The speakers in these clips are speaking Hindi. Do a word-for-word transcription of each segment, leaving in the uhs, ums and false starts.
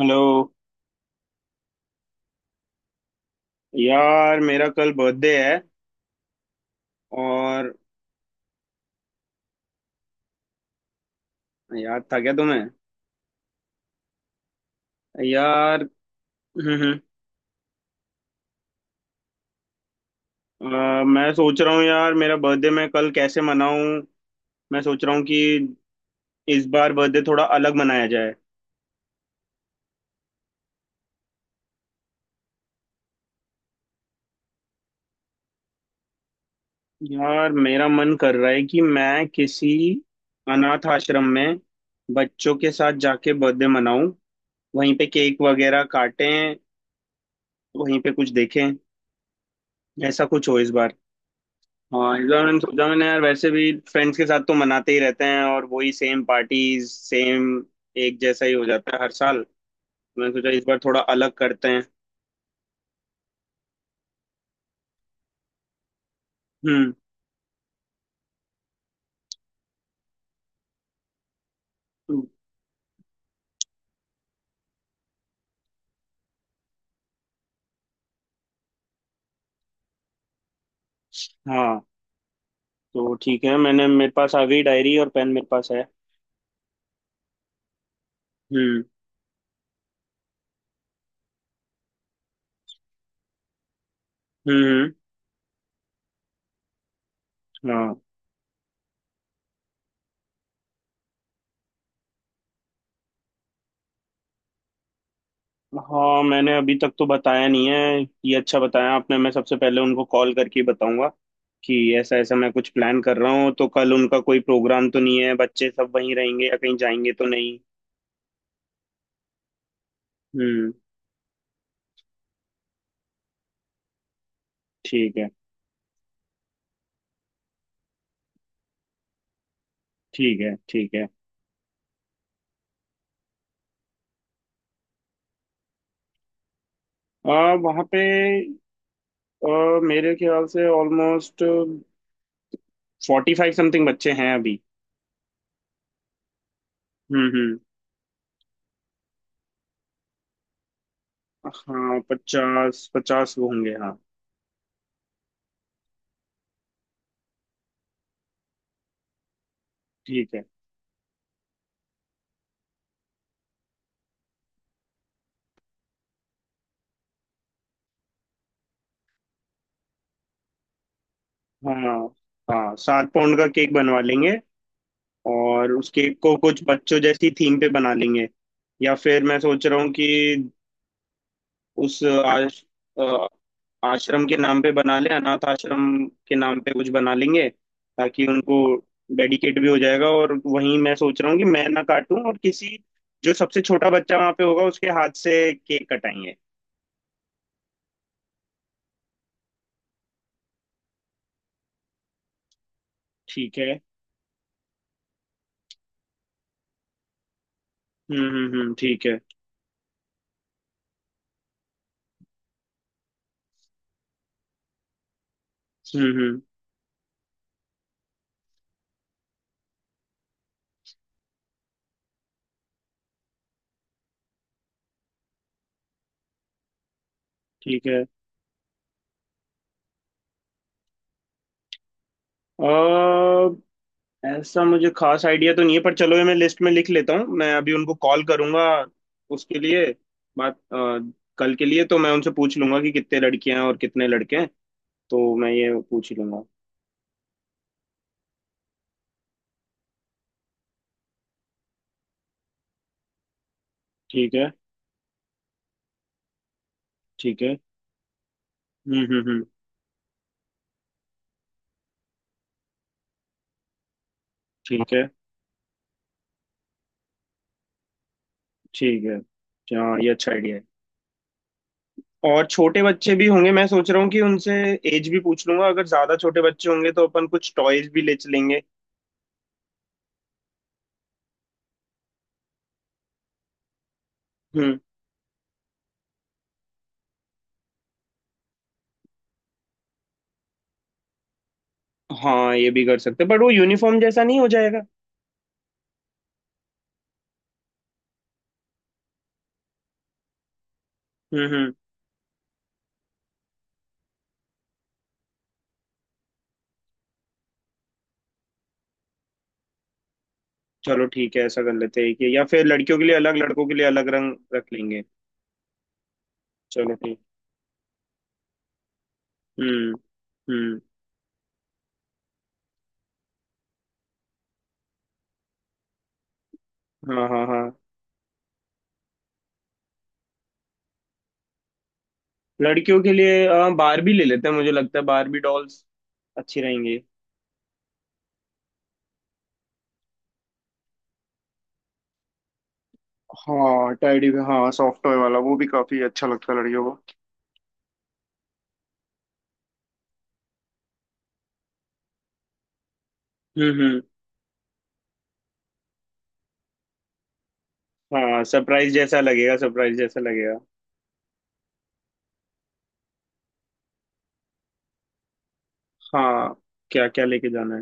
हेलो। यार मेरा कल बर्थडे है। और याद था क्या तुम्हें। यार। हम्म, हम्म, अ, मैं सोच रहा हूँ यार मेरा बर्थडे मैं कल कैसे मनाऊं। मैं सोच रहा हूँ कि इस बार बर्थडे थोड़ा अलग मनाया जाए। यार मेरा मन कर रहा है कि मैं किसी अनाथ आश्रम में बच्चों के साथ जाके बर्थडे मनाऊं। वहीं पे केक वगैरह काटें। वहीं पे कुछ देखें। ऐसा कुछ हो इस बार। हाँ इस बार मैंने सोचा मैंने यार वैसे भी फ्रेंड्स के साथ तो मनाते ही रहते हैं और वही सेम पार्टीज सेम एक जैसा ही हो जाता है हर साल। मैंने सोचा इस बार थोड़ा अलग करते हैं। हम्म। हाँ। तो ठीक है मैंने मेरे पास आ गई डायरी और पेन मेरे पास है। हम्म, हम्म, हम्म, हाँ। हाँ मैंने अभी तक तो बताया नहीं है ये अच्छा बताया आपने मैं सबसे पहले उनको कॉल करके ही बताऊंगा कि ऐसा ऐसा मैं कुछ प्लान कर रहा हूँ तो कल उनका कोई प्रोग्राम तो नहीं है बच्चे सब वहीं रहेंगे या कहीं जाएंगे तो नहीं। हम्म। ठीक है, ठीक है, ठीक है। आ, वहाँ पे आ, मेरे ख्याल से ऑलमोस्ट फोर्टी फाइव समथिंग बच्चे हैं अभी। हम्म, हम्म। हाँ पचास पचास वो होंगे, हाँ। ठीक है। हाँ, हाँ सात पाउंड का केक बनवा लेंगे। और उस केक को कुछ बच्चों जैसी थीम पे बना लेंगे। या फिर मैं सोच रहा हूँ कि उस आश, अ, आश्रम के नाम पे बना ले, अनाथ आश्रम के नाम पे कुछ बना लेंगे। ताकि उनको डेडिकेट भी हो जाएगा, और वहीं मैं सोच रहा हूँ कि मैं ना काटूं और किसी, जो सबसे छोटा बच्चा वहां पे होगा, उसके हाथ से केक कटाएंगे। ठीक है। हम्म, हम्म, हम्म, ठीक है। हम्म, हम्म, ठीक है। अ ऐसा मुझे खास आइडिया तो नहीं है, पर चलो ये मैं लिस्ट में लिख लेता हूँ, मैं अभी उनको कॉल करूंगा उसके लिए बात। अ, कल के लिए तो मैं उनसे पूछ लूंगा कि कितने लड़कियां हैं और कितने लड़के हैं। तो मैं ये पूछ ही लूंगा। ठीक है। ठीक है। हम्म, हम्म, हम्म, ठीक है। ठीक है। हाँ ये अच्छा आइडिया है। और छोटे बच्चे भी होंगे, मैं सोच रहा हूँ कि उनसे एज भी पूछ लूंगा, अगर ज्यादा छोटे बच्चे होंगे तो अपन कुछ टॉयज भी ले चलेंगे। हम्म। हाँ ये भी कर सकते हैं, बट वो यूनिफॉर्म जैसा नहीं हो जाएगा। हम्म, हम्म। चलो ठीक है, ऐसा कर लेते हैं कि या फिर लड़कियों के लिए अलग, लड़कों के लिए अलग रंग रख लेंगे। चलो ठीक। हम्म, हम्म। हाँ, हाँ, हाँ। लड़कियों के लिए आ, बारबी ले लेते हैं, मुझे लगता है बारबी डॉल्स अच्छी रहेंगी। हाँ टैडी भी, हाँ सॉफ्ट टॉय वाला, वो भी काफी अच्छा लगता है लड़कियों को। हम्म, हम्म। हाँ सरप्राइज जैसा लगेगा, सरप्राइज जैसा लगेगा। हाँ क्या क्या लेके जाना है।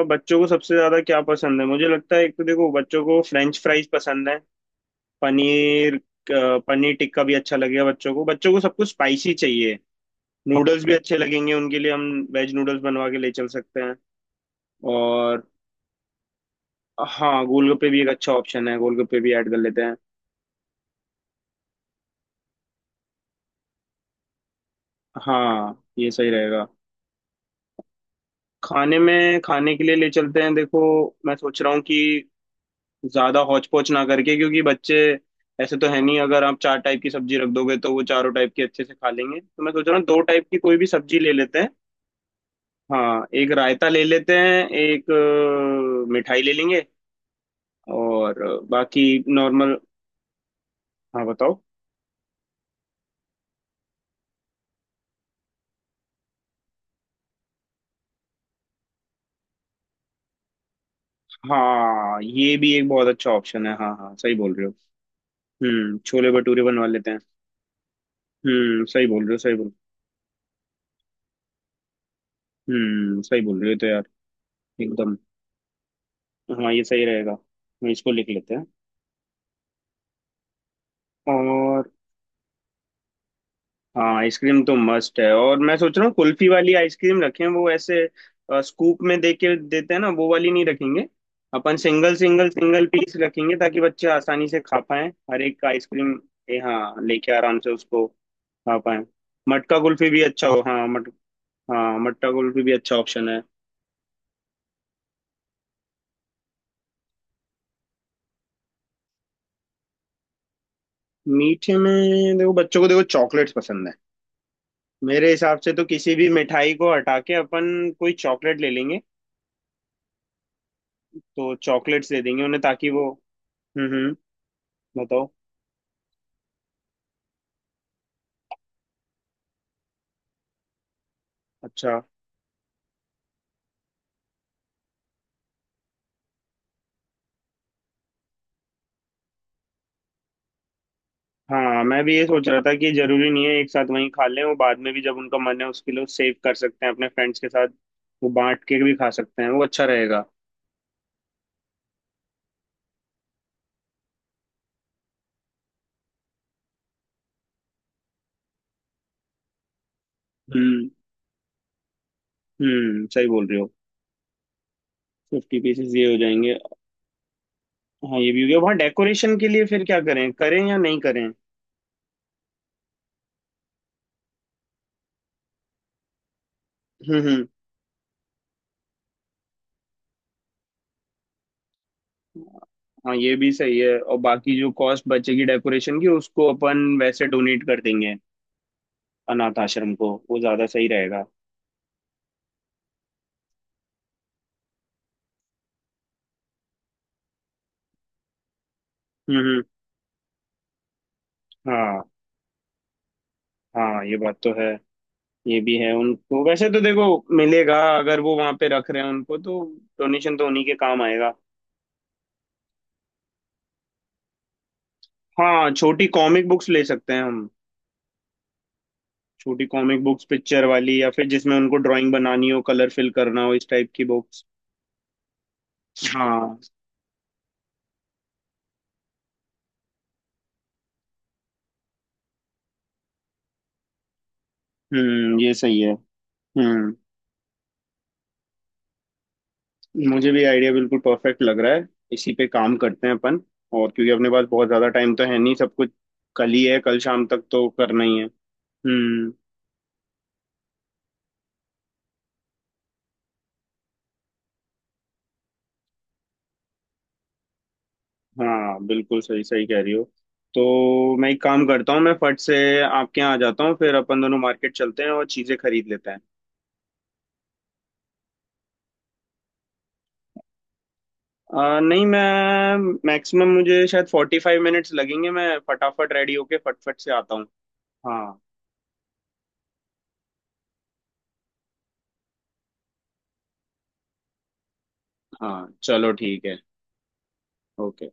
आ, बच्चों को सबसे ज्यादा क्या पसंद है, मुझे लगता है एक तो देखो, बच्चों को फ्रेंच फ्राइज पसंद है। पनीर अ, पनीर टिक्का भी अच्छा लगेगा बच्चों को, बच्चों को सब कुछ स्पाइसी चाहिए। नूडल्स भी अच्छे लगेंगे उनके लिए, हम वेज नूडल्स बनवा के ले चल सकते हैं। और हाँ गोलगप्पे भी एक अच्छा ऑप्शन है, गोलगप्पे भी ऐड कर लेते हैं। हाँ ये सही रहेगा। खाने में खाने के लिए ले चलते हैं, देखो। मैं सोच रहा हूँ कि ज्यादा हौच पौच ना करके, क्योंकि बच्चे ऐसे तो है नहीं, अगर आप चार टाइप की सब्जी रख दोगे तो वो चारों टाइप की अच्छे से खा लेंगे, तो मैं सोच रहा हूँ दो टाइप की कोई भी सब्जी ले लेते हैं। हाँ एक रायता ले लेते हैं, एक अ, मिठाई ले लेंगे, और अ, बाकी नॉर्मल। हाँ बताओ। हाँ ये भी एक बहुत अच्छा ऑप्शन है, हाँ हाँ सही बोल रहे हो। हम्म, छोले भटूरे बनवा लेते हैं। हम्म, सही बोल रहे हो, सही बोल। हम्म, सही बोल रहे हो, तो यार एकदम। तो हाँ ये सही रहेगा, हम इसको लिख लेते हैं। और हाँ आइसक्रीम तो मस्ट है, और मैं सोच रहा हूँ कुल्फी वाली आइसक्रीम रखें, वो ऐसे स्कूप में दे के देते हैं ना, वो वाली नहीं रखेंगे। अपन सिंगल सिंगल सिंगल पीस रखेंगे, ताकि बच्चे आसानी से खा पाएं हर एक आइसक्रीम। ए, हाँ लेके आराम से उसको खा पाएं। मटका कुल्फी भी अच्छा हो, हाँ मट हाँ मटका कुल्फी भी अच्छा ऑप्शन है। मीठे में देखो, बच्चों को देखो चॉकलेट्स पसंद है। मेरे हिसाब से तो किसी भी मिठाई को हटा के अपन कोई चॉकलेट ले लेंगे। तो चॉकलेट्स दे देंगे उन्हें ताकि वो। हम्म, हम्म, बताओ। अच्छा। हाँ मैं भी ये सोच रहा था कि जरूरी नहीं है एक साथ वहीं खा लें, वो बाद में भी जब उनका मन है उसके लिए सेव कर सकते हैं अपने फ्रेंड्स के साथ। वो बांट के भी खा सकते हैं, वो अच्छा रहेगा। हम्म, हम्म, सही बोल रहे हो। फिफ्टी पीसेस ये हो जाएंगे। हाँ ये भी हो गया, वहाँ डेकोरेशन के लिए फिर क्या, करें करें या नहीं करें। हम्म, हम्म। हाँ ये भी सही है, और बाकी जो कॉस्ट बचेगी डेकोरेशन की, उसको अपन वैसे डोनेट कर देंगे अनाथ आश्रम को, वो ज्यादा सही रहेगा। हम्म, हम्म। हाँ। हाँ ये बात तो है। ये भी है, उनको वैसे तो देखो मिलेगा, अगर वो वहां पे रख रहे हैं उनको तो डोनेशन तो उन्हीं के काम आएगा। हाँ छोटी कॉमिक बुक्स ले सकते हैं हम। छोटी कॉमिक बुक्स पिक्चर वाली, या फिर जिसमें उनको ड्राइंग बनानी हो, कलर फिल करना हो, इस टाइप की बुक्स। हाँ। हम्म, ये सही है। हम्म। मुझे भी आइडिया बिल्कुल परफेक्ट लग रहा है। इसी पे काम करते हैं अपन। और क्योंकि अपने पास बहुत ज्यादा टाइम तो है नहीं, सब कुछ कल ही है, कल शाम तक तो करना ही है। हम्म। हाँ बिल्कुल सही सही कह रही हो। तो मैं एक काम करता हूँ, मैं फट से आपके यहाँ आ जाता हूँ, फिर अपन दोनों मार्केट चलते हैं और चीज़ें खरीद लेते हैं। आ, नहीं मैं मैक्सिमम, मुझे शायद फोर्टी फाइव मिनट्स लगेंगे, मैं फटाफट रेडी होके फटफट से आता हूँ। हाँ। हाँ चलो ठीक है। ओके।